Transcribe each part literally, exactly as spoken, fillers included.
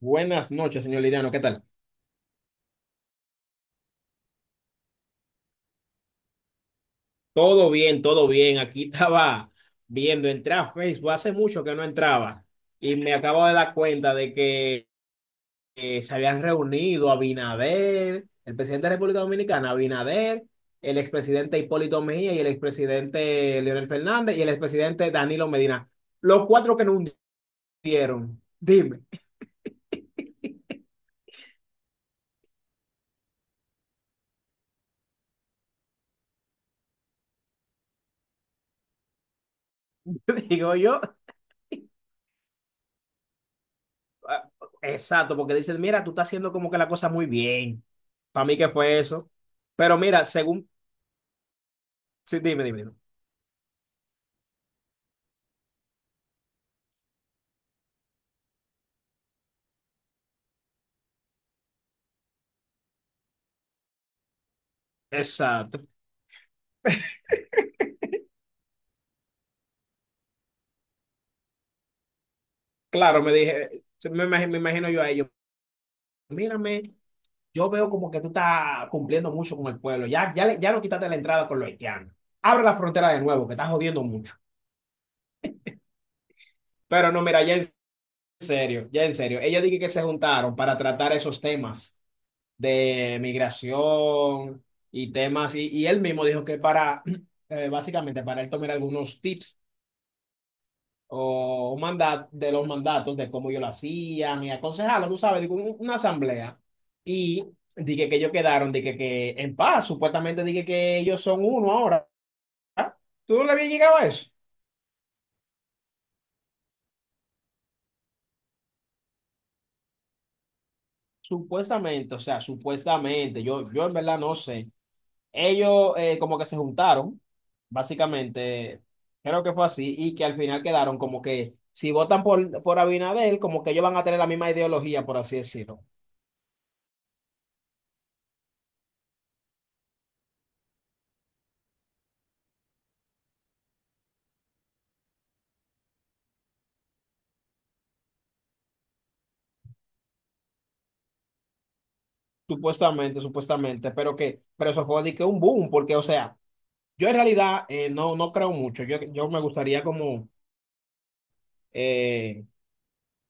Buenas noches, señor Liriano, ¿qué tal? Todo bien, todo bien. Aquí estaba viendo, entré a Facebook, hace mucho que no entraba y me acabo de dar cuenta de que eh, se habían reunido Abinader, el presidente de la República Dominicana, Abinader, el expresidente Hipólito Mejía y el expresidente Leonel Fernández y el expresidente Danilo Medina. Los cuatro que no hundieron. Dime, digo yo, ah, exacto, porque dicen, mira, tú estás haciendo como que la cosa muy bien. Para mí, ¿qué fue eso? Pero mira, según. Sí, dime, dime, dime. Exacto. Claro, me dije, se- me imagino, me imagino yo a ellos, mírame, yo veo como que tú estás cumpliendo mucho con el pueblo, ya, ya, le- ya no quitaste la entrada con los haitianos, abre la frontera de nuevo, que estás jodiendo mucho. Pero no, mira, ya en serio, ya en serio, ella dije que se juntaron para tratar esos temas de migración y temas, y, y él mismo dijo que para, eh, básicamente, para él tomar algunos tips o un mandato de los mandatos, de cómo yo lo hacía, y aconsejarlo, tú sabes, digo, un- una asamblea. Y dije que ellos quedaron, dije que en paz, supuestamente dije que ellos son uno ahora. ¿Tú no le habías llegado a eso? Supuestamente, o sea, supuestamente, yo, yo en verdad no sé. Ellos eh, como que se juntaron, básicamente, creo que fue así, y que al final quedaron como que si votan por, por Abinader, como que ellos van a tener la misma ideología, por así decirlo. Supuestamente, supuestamente, pero que, pero eso fue de que un boom, porque, o sea, yo en realidad eh, no, no creo mucho. Yo, yo me gustaría como, eh,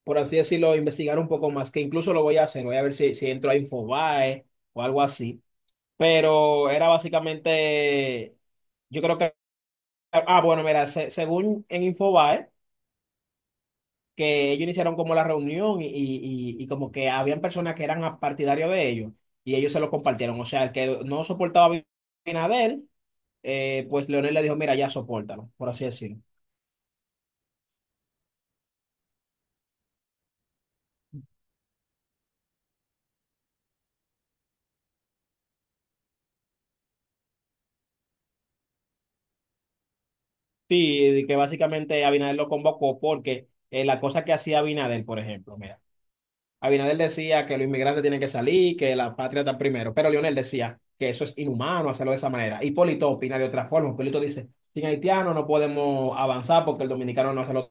por así decirlo, investigar un poco más, que incluso lo voy a hacer, voy a ver si, si entro a Infobae o algo así. Pero era básicamente, yo creo que, ah, bueno, mira, se- según en Infobae, que ellos iniciaron como la reunión y, y, y como que habían personas que eran partidarios de ellos y ellos se lo compartieron. O sea, el que no soportaba a Abinader eh, pues Leonel le dijo, mira, ya sopórtalo, por así decirlo. Sí, de que básicamente Abinader lo convocó porque eh, la cosa que hacía Abinader, por ejemplo, mira, Abinader decía que los inmigrantes tienen que salir, que la patria está primero, pero Leonel decía que eso es inhumano hacerlo de esa manera. Hipólito opina de otra forma. Hipólito dice, sin haitiano no podemos avanzar porque el dominicano no hace los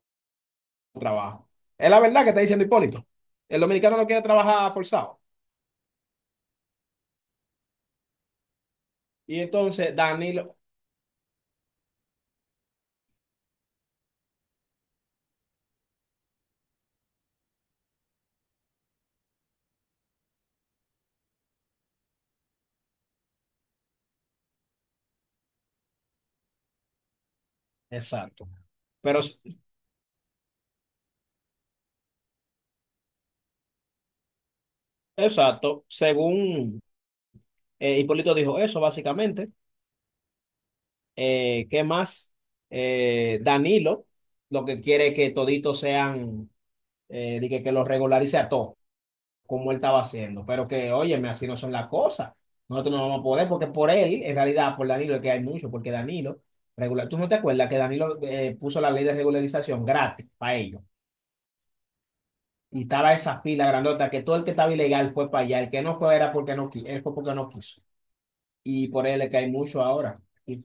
trabajo. Es la verdad que está diciendo Hipólito. El dominicano no quiere trabajar forzado. Y entonces Danilo, exacto. Pero, s- exacto, según... Eh, Hipólito dijo eso, básicamente. Eh, ¿qué más? Eh, Danilo, lo que quiere que toditos sean, eh, de que, que lo regularice a todos, como él estaba haciendo. Pero que, óyeme, así no son las cosas. Nosotros no vamos a poder, porque por él, en realidad, por Danilo es que hay mucho, porque Danilo, regular, ¿tú no te acuerdas que Danilo eh, puso la ley de regularización gratis para ellos? Y estaba esa fila grandota, que todo el que estaba ilegal fue para allá, el que no fue era porque no quiso, fue porque no quiso. Y por él es que hay mucho ahora. ¿Y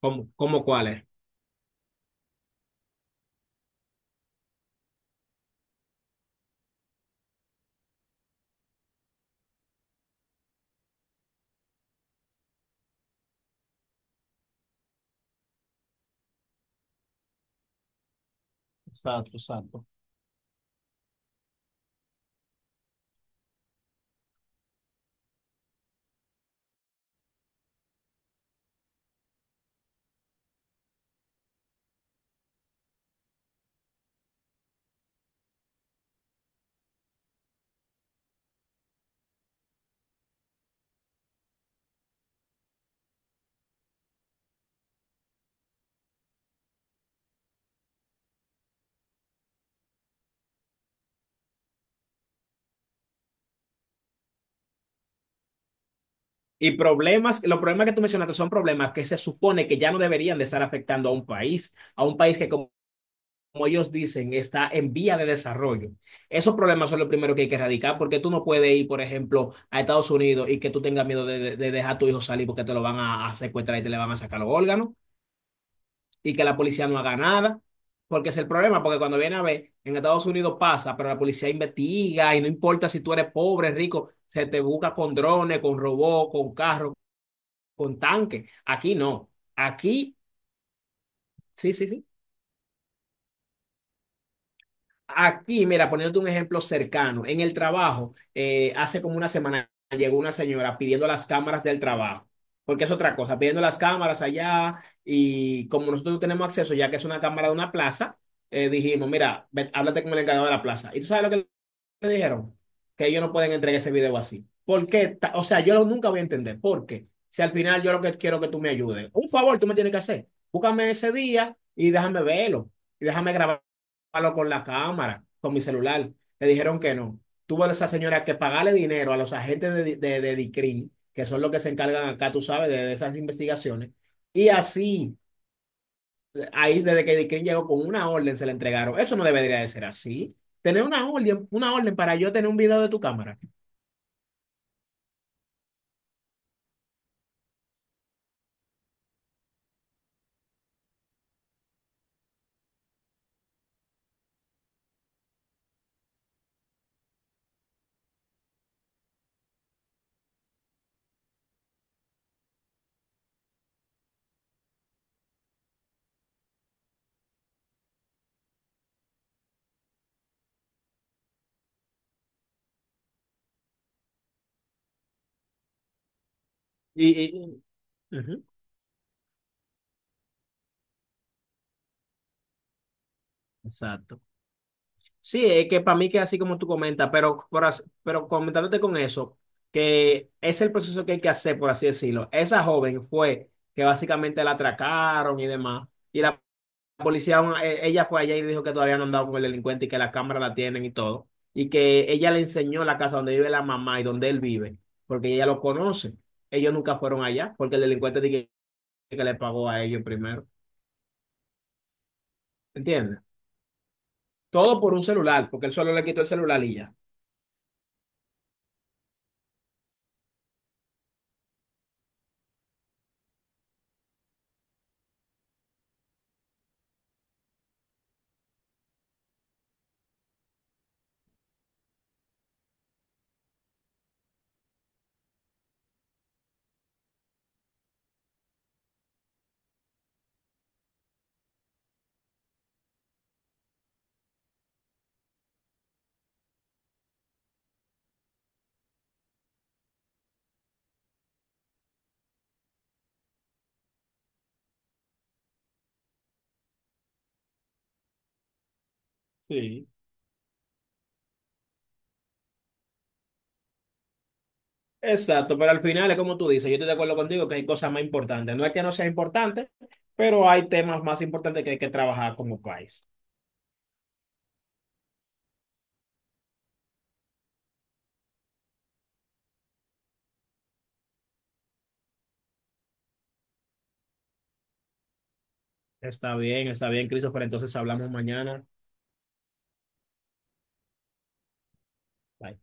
cómo, cómo cuál es? Exacto, exacto. Y problemas, los problemas que tú mencionaste son problemas que se supone que ya no deberían de estar afectando a un país, a un país que como, como ellos dicen está en vía de desarrollo. Esos problemas son los primeros que hay que erradicar porque tú no puedes ir, por ejemplo, a Estados Unidos y que tú tengas miedo de, de- de dejar a tu hijo salir porque te lo van a, a secuestrar y te le van a sacar los órganos. Y que la policía no haga nada, porque es el problema, porque cuando viene a ver, en Estados Unidos pasa, pero la policía investiga y no importa si tú eres pobre, rico, se te busca con drones, con robots, con carros, con tanques. Aquí no. Aquí, sí, sí, sí. Aquí, mira, poniéndote un ejemplo cercano, en el trabajo, eh, hace como una semana llegó una señora pidiendo las cámaras del trabajo, porque es otra cosa, pidiendo las cámaras allá y como nosotros no tenemos acceso, ya que es una cámara de una plaza, eh, dijimos, mira, ven, háblate con el encargado de la plaza. ¿Y tú sabes lo que me dijeron? Que ellos no pueden entregar ese video así. ¿Por qué? ta- O sea, yo lo- nunca voy a entender. ¿Por qué? Si al final yo lo que quiero que tú me ayudes. Un favor, tú me tienes que hacer. Búscame ese día y déjame verlo. Y déjame grabarlo con la cámara, con mi celular. Le dijeron que no. Tuvo esa señora que pagarle dinero a los agentes de, de, de D I C R I M, que son los que se encargan acá, tú sabes, de, de esas investigaciones. Y así. Ahí desde que Dick Green llegó con una orden se la entregaron. Eso no debería de ser así. Tener una orden, una orden para yo tener un video de tu cámara. Y, y- y- Ujú. Exacto. Sí, es que para mí que así como tú comentas, pero, por as- pero comentándote con eso, que es el proceso que hay que hacer, por así decirlo. Esa joven fue que básicamente la atracaron y demás, y la policía, aún- eh, ella fue allá y dijo que todavía no han dado con el delincuente y que la cámara la tienen y todo. Y que ella le enseñó la casa donde vive la mamá y donde él vive, porque ella lo conoce. Ellos nunca fueron allá, porque el delincuente dije que le pagó a ellos primero. ¿Entiendes? Todo por un celular, porque él solo le quitó el celular y ya. Sí. Exacto, pero al final es como tú dices, yo estoy de acuerdo contigo que hay cosas más importantes. No es que no sea importante, pero hay temas más importantes que hay que trabajar como país. Está bien, está bien, Christopher. Entonces hablamos mañana. Bye.